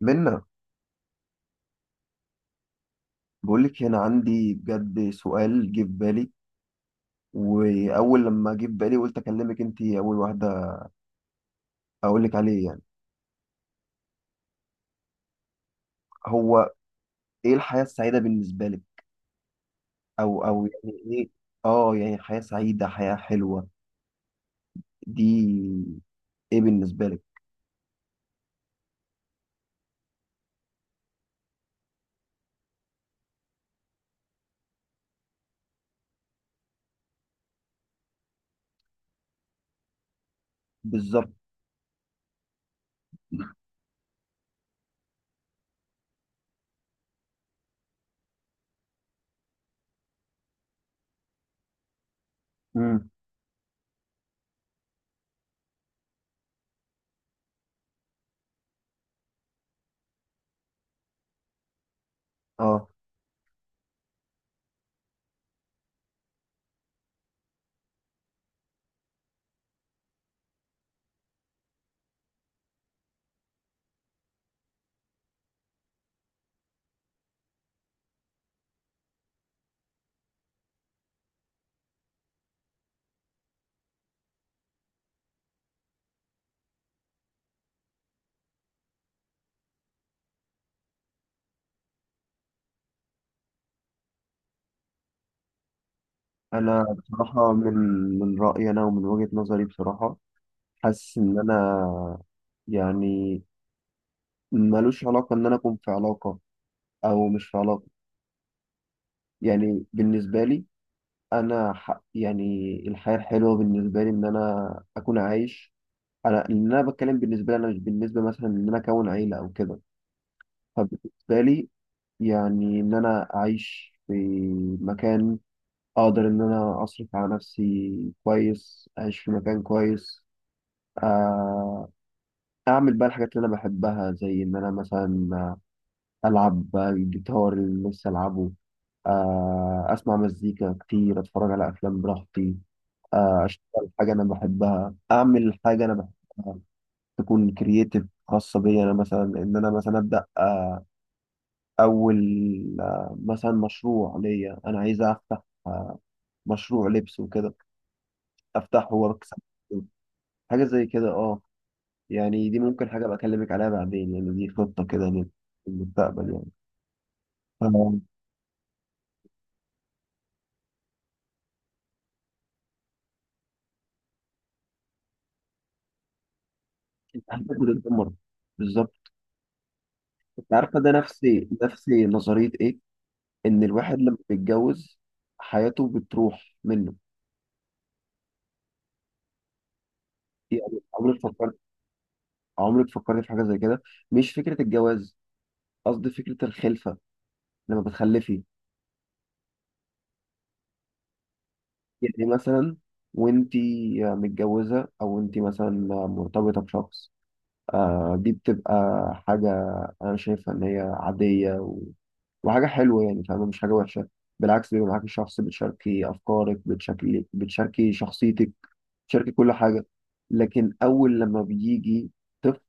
منا، بقول لك هنا عندي بجد سؤال جه في بالي. واول لما جه في بالي قلت اكلمك انت اول واحده اقول لك عليه. يعني هو ايه الحياه السعيده بالنسبه لك؟ او يعني ايه؟ اه يعني حياه سعيده، حياه حلوه دي، ايه بالنسبه لك؟ بالظبط. امم اه انا بصراحه من رايي انا ومن وجهه نظري، بصراحه حاسس ان انا يعني ملوش علاقه ان انا اكون في علاقه او مش في علاقه. يعني بالنسبه لي انا ح... يعني الحياه الحلوه بالنسبه لي ان انا اكون عايش. انا ان انا بتكلم بالنسبه لي انا، مش بالنسبه مثلا ان انا اكون عيله او كده. فبالنسبه لي يعني ان انا اعيش في مكان، اقدر ان انا اصرف على نفسي كويس، اعيش في مكان كويس، آه، اعمل بقى الحاجات اللي انا بحبها، زي ان انا مثلا العب الجيتار اللي نفسي العبه، اسمع مزيكا كتير، اتفرج على افلام براحتي، اشتغل حاجه انا بحبها، اعمل حاجه انا بحبها، تكون كرييتيف خاصه بيا انا. مثلا ان انا مثلا ابدا، اول، مثلا مشروع ليا، انا عايز افتح آه، مشروع لبس وكده، افتحه واكسب حاجه زي كده. اه يعني دي ممكن حاجه بكلمك عليها بعدين، يعني دي خطه كده للمستقبل يعني. ف- حاجات بتتدمر، بالظبط. أنت عارفه ده نفسي نظريه ايه؟ ان الواحد لما بيتجوز حياته بتروح منه. يعني عمرك فكرت، عمرك فكرت في حاجة زي كده؟ مش فكرة الجواز، قصدي فكرة الخلفة، لما بتخلفي. يعني مثلا وانتي متجوزة او انتي مثلا مرتبطة بشخص، آه دي بتبقى حاجة انا شايفها ان هي عادية و... وحاجة حلوة يعني، فاهمة؟ مش حاجة وحشة، بالعكس بيبقى معاكي شخص بتشاركي أفكارك، بتشاركي شخصيتك، بتشاركي كل حاجة. لكن أول لما بيجي طفل،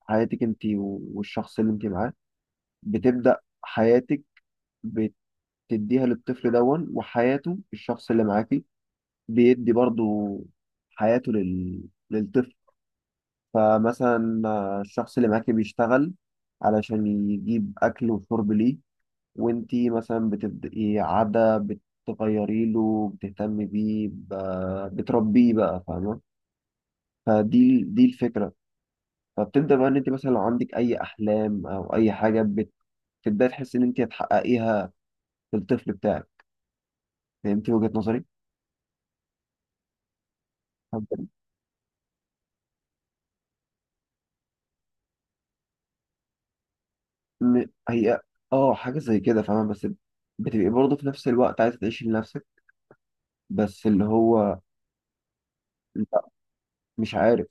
حياتك أنت والشخص اللي أنت معاه، بتبدأ حياتك بتديها للطفل دون، وحياته الشخص اللي معاكي بيدي برضو حياته للطفل. فمثلا آه، الشخص اللي معاكي بيشتغل علشان يجيب أكل وشرب ليه، وانتي مثلا بتبدأي عادة بتغيري له، بتهتمي بيه بتربيه بقى، فاهمة؟ فدي الفكرة. فبتبدأ بقى إن أنت مثلا لو عندك أي أحلام أو أي حاجة، بتبدأي تحسي إن أنت هتحققيها في الطفل بتاعك. فهمتي وجهة نظري؟ هي اه حاجة زي كده، فاهمة؟ بس بتبقي برضه في نفس الوقت عايزة تعيشي لنفسك، بس اللي هو لا، مش عارف.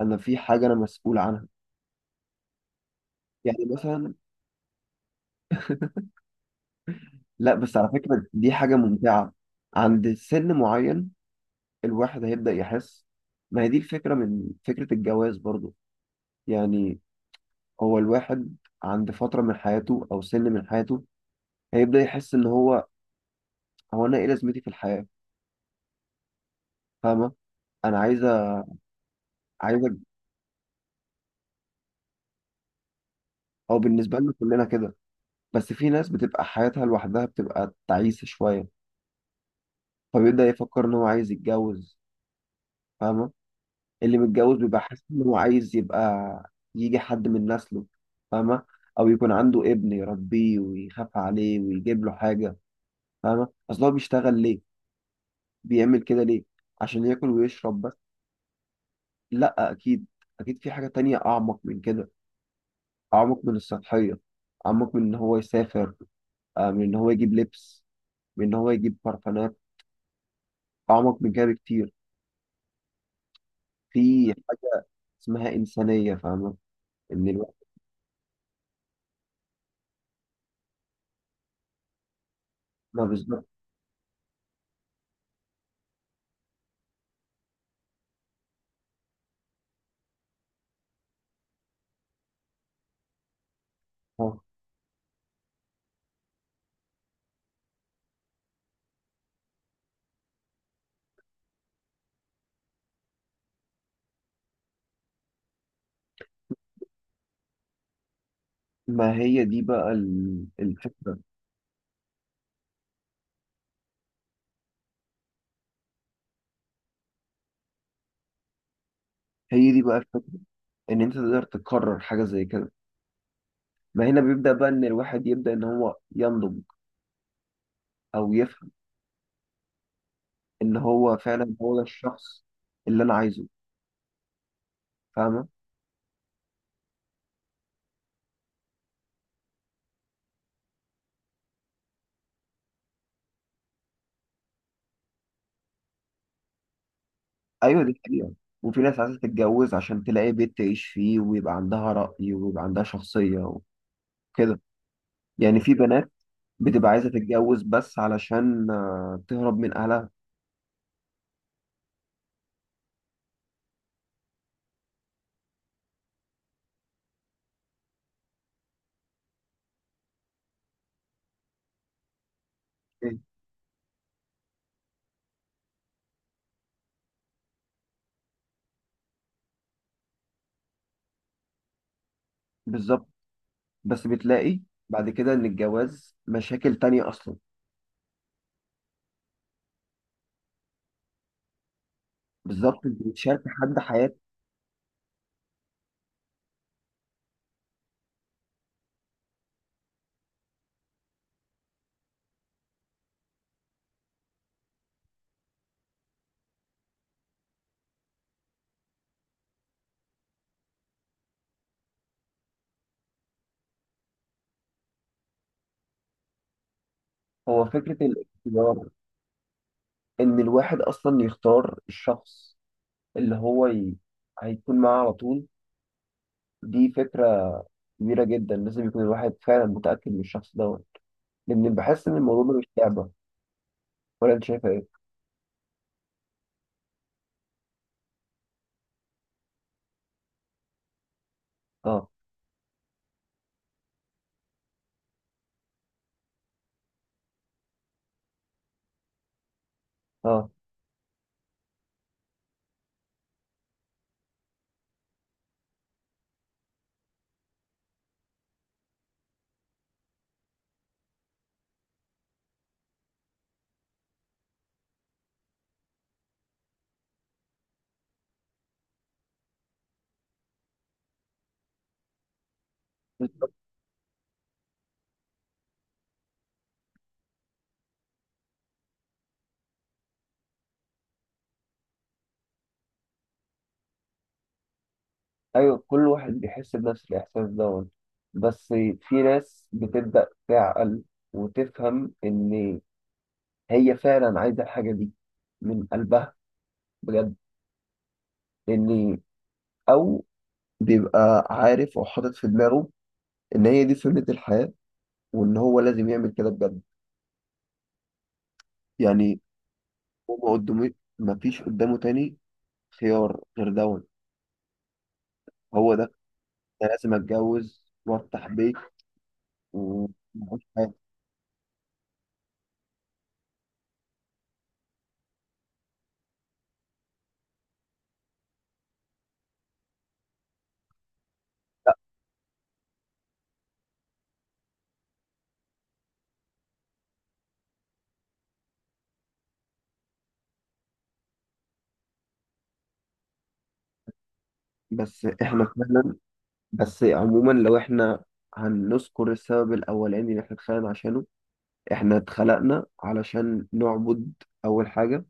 أنا في حاجة أنا مسؤول عنها. يعني مثلا، لا بس على فكرة دي حاجة ممتعة. عند سن معين الواحد هيبدأ يحس، ما هي دي الفكرة من فكرة الجواز برضه. يعني هو الواحد عند فترة من حياته أو سن من حياته، هيبدأ يحس إن هو، هو أنا إيه لازمتي في الحياة؟ فاهمة؟ أنا عايزة، عايزة. هو بالنسبة لنا كلنا كده، بس في ناس بتبقى حياتها لوحدها، بتبقى تعيسة شوية، فبيبدأ يفكر إن هو عايز يتجوز، فاهمة؟ اللي متجوز بيبقى حاسس إن هو عايز يبقى يجي حد من نسله، فاهمة؟ أو يكون عنده ابن يربيه ويخاف عليه ويجيب له حاجة. فاهمة؟ أصل هو بيشتغل ليه؟ بيعمل كده ليه؟ عشان ياكل ويشرب بس؟ لأ، أكيد أكيد في حاجة تانية أعمق من كده. أعمق من السطحية، أعمق من إن هو يسافر، من إن هو يجيب لبس، من إن هو يجيب برفانات. اعمق من كده بكتير، في حاجه اسمها انسانيه، فاهمه؟ ان الواحد ما بالظبط. آه. ما هي دي بقى الفكره. هي دي بقى الفكره، ان انت تقدر تكرر حاجه زي كده. ما هنا بيبدا بقى ان الواحد يبدا، ان هو ينضج او يفهم ان هو فعلا هو ده الشخص اللي انا عايزه، فاهمه؟ ايوه دي حقيقه. وفي ناس عايزه تتجوز عشان تلاقي بيت تعيش فيه، ويبقى عندها راي ويبقى عندها شخصيه وكده. يعني في بنات بتبقى عايزه تتجوز بس علشان تهرب من اهلها. مم. بالظبط. بس بتلاقي بعد كده ان الجواز مشاكل تانية اصلا. بالظبط، انت بتشارك حد حياته. هو فكرة الاختيار، ان الواحد اصلا يختار الشخص اللي هو ي... هيكون معاه على طول، دي فكرة كبيرة جدا. لازم يكون الواحد فعلا متأكد من الشخص دوت، لان بحس ان الموضوع ده مش لعبة. ولا انت شايفة ايه؟ اه. اه، بالظبط. ايوه كل واحد بيحس بنفس الاحساس دوت، بس في ناس بتبدأ تعقل وتفهم ان هي فعلا عايزه الحاجه دي من قلبها بجد. لان، او بيبقى عارف او حاطط في دماغه ان هي دي سنه الحياه، وان هو لازم يعمل كده بجد. يعني هو ما قدامه، ما فيش قدامه تاني خيار غير دون. هو ده، أنا لازم اتجوز وافتح بيت ومعيش حياتي. بس احنا فعلا، بس عموما لو احنا هنذكر السبب الاولاني اللي احنا اتخلقنا عشانه، احنا اتخلقنا علشان نعبد، اول حاجه،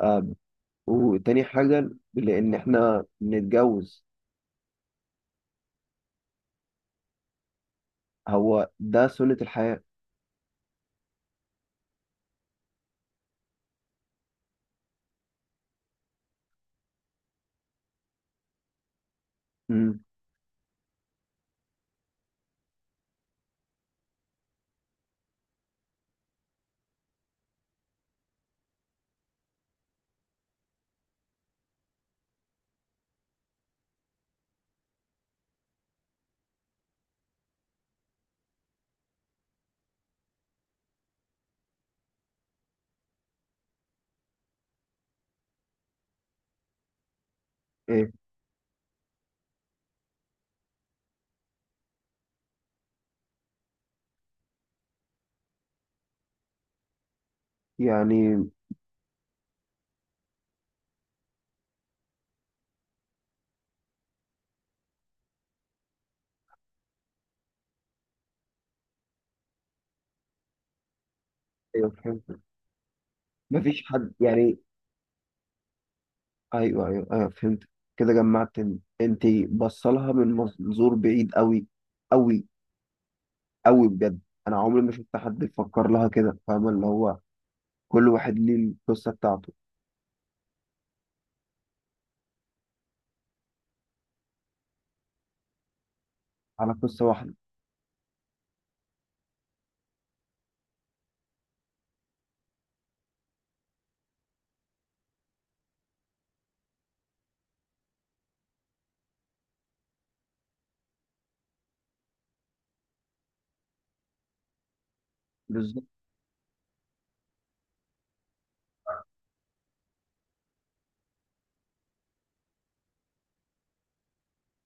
آه، وتاني حاجة لأن إحنا نتجوز. هو ده سنة الحياة. امم، إيه يعني. أيوه فهمت، مفيش حد يعني. أيوه فهمت. كده جمعت، أنت بصلها من منظور بعيد أوي، أوي أوي بجد. أنا عمري ما شفت حد بيفكر لها كده، فاهمة؟ اللي هو كل واحد ليه القصة بتاعته. على قصة واحدة، بالظبط.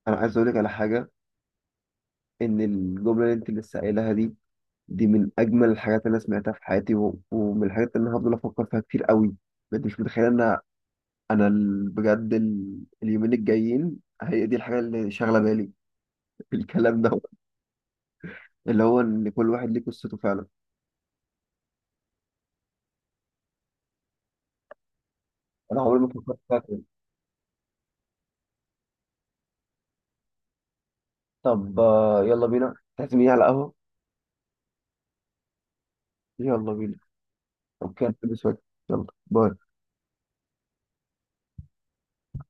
أنا عايز أقول لك على حاجة، إن الجملة اللي أنت لسه قايلها دي، دي من اجمل الحاجات اللي انا سمعتها في حياتي، و... ومن الحاجات اللي انا هفضل افكر فيها كتير قوي. بجد مش متخيل ان انا بجد اليومين الجايين هي دي الحاجه اللي شاغله بالي. في الكلام ده، اللي هو ان كل واحد ليه قصته فعلا. انا عمري ما فكرت فيها كده. طب آه، يلا بينا تعزميني على قهوه. يلا بينا. طب كده نلبس واجب. يلا باي.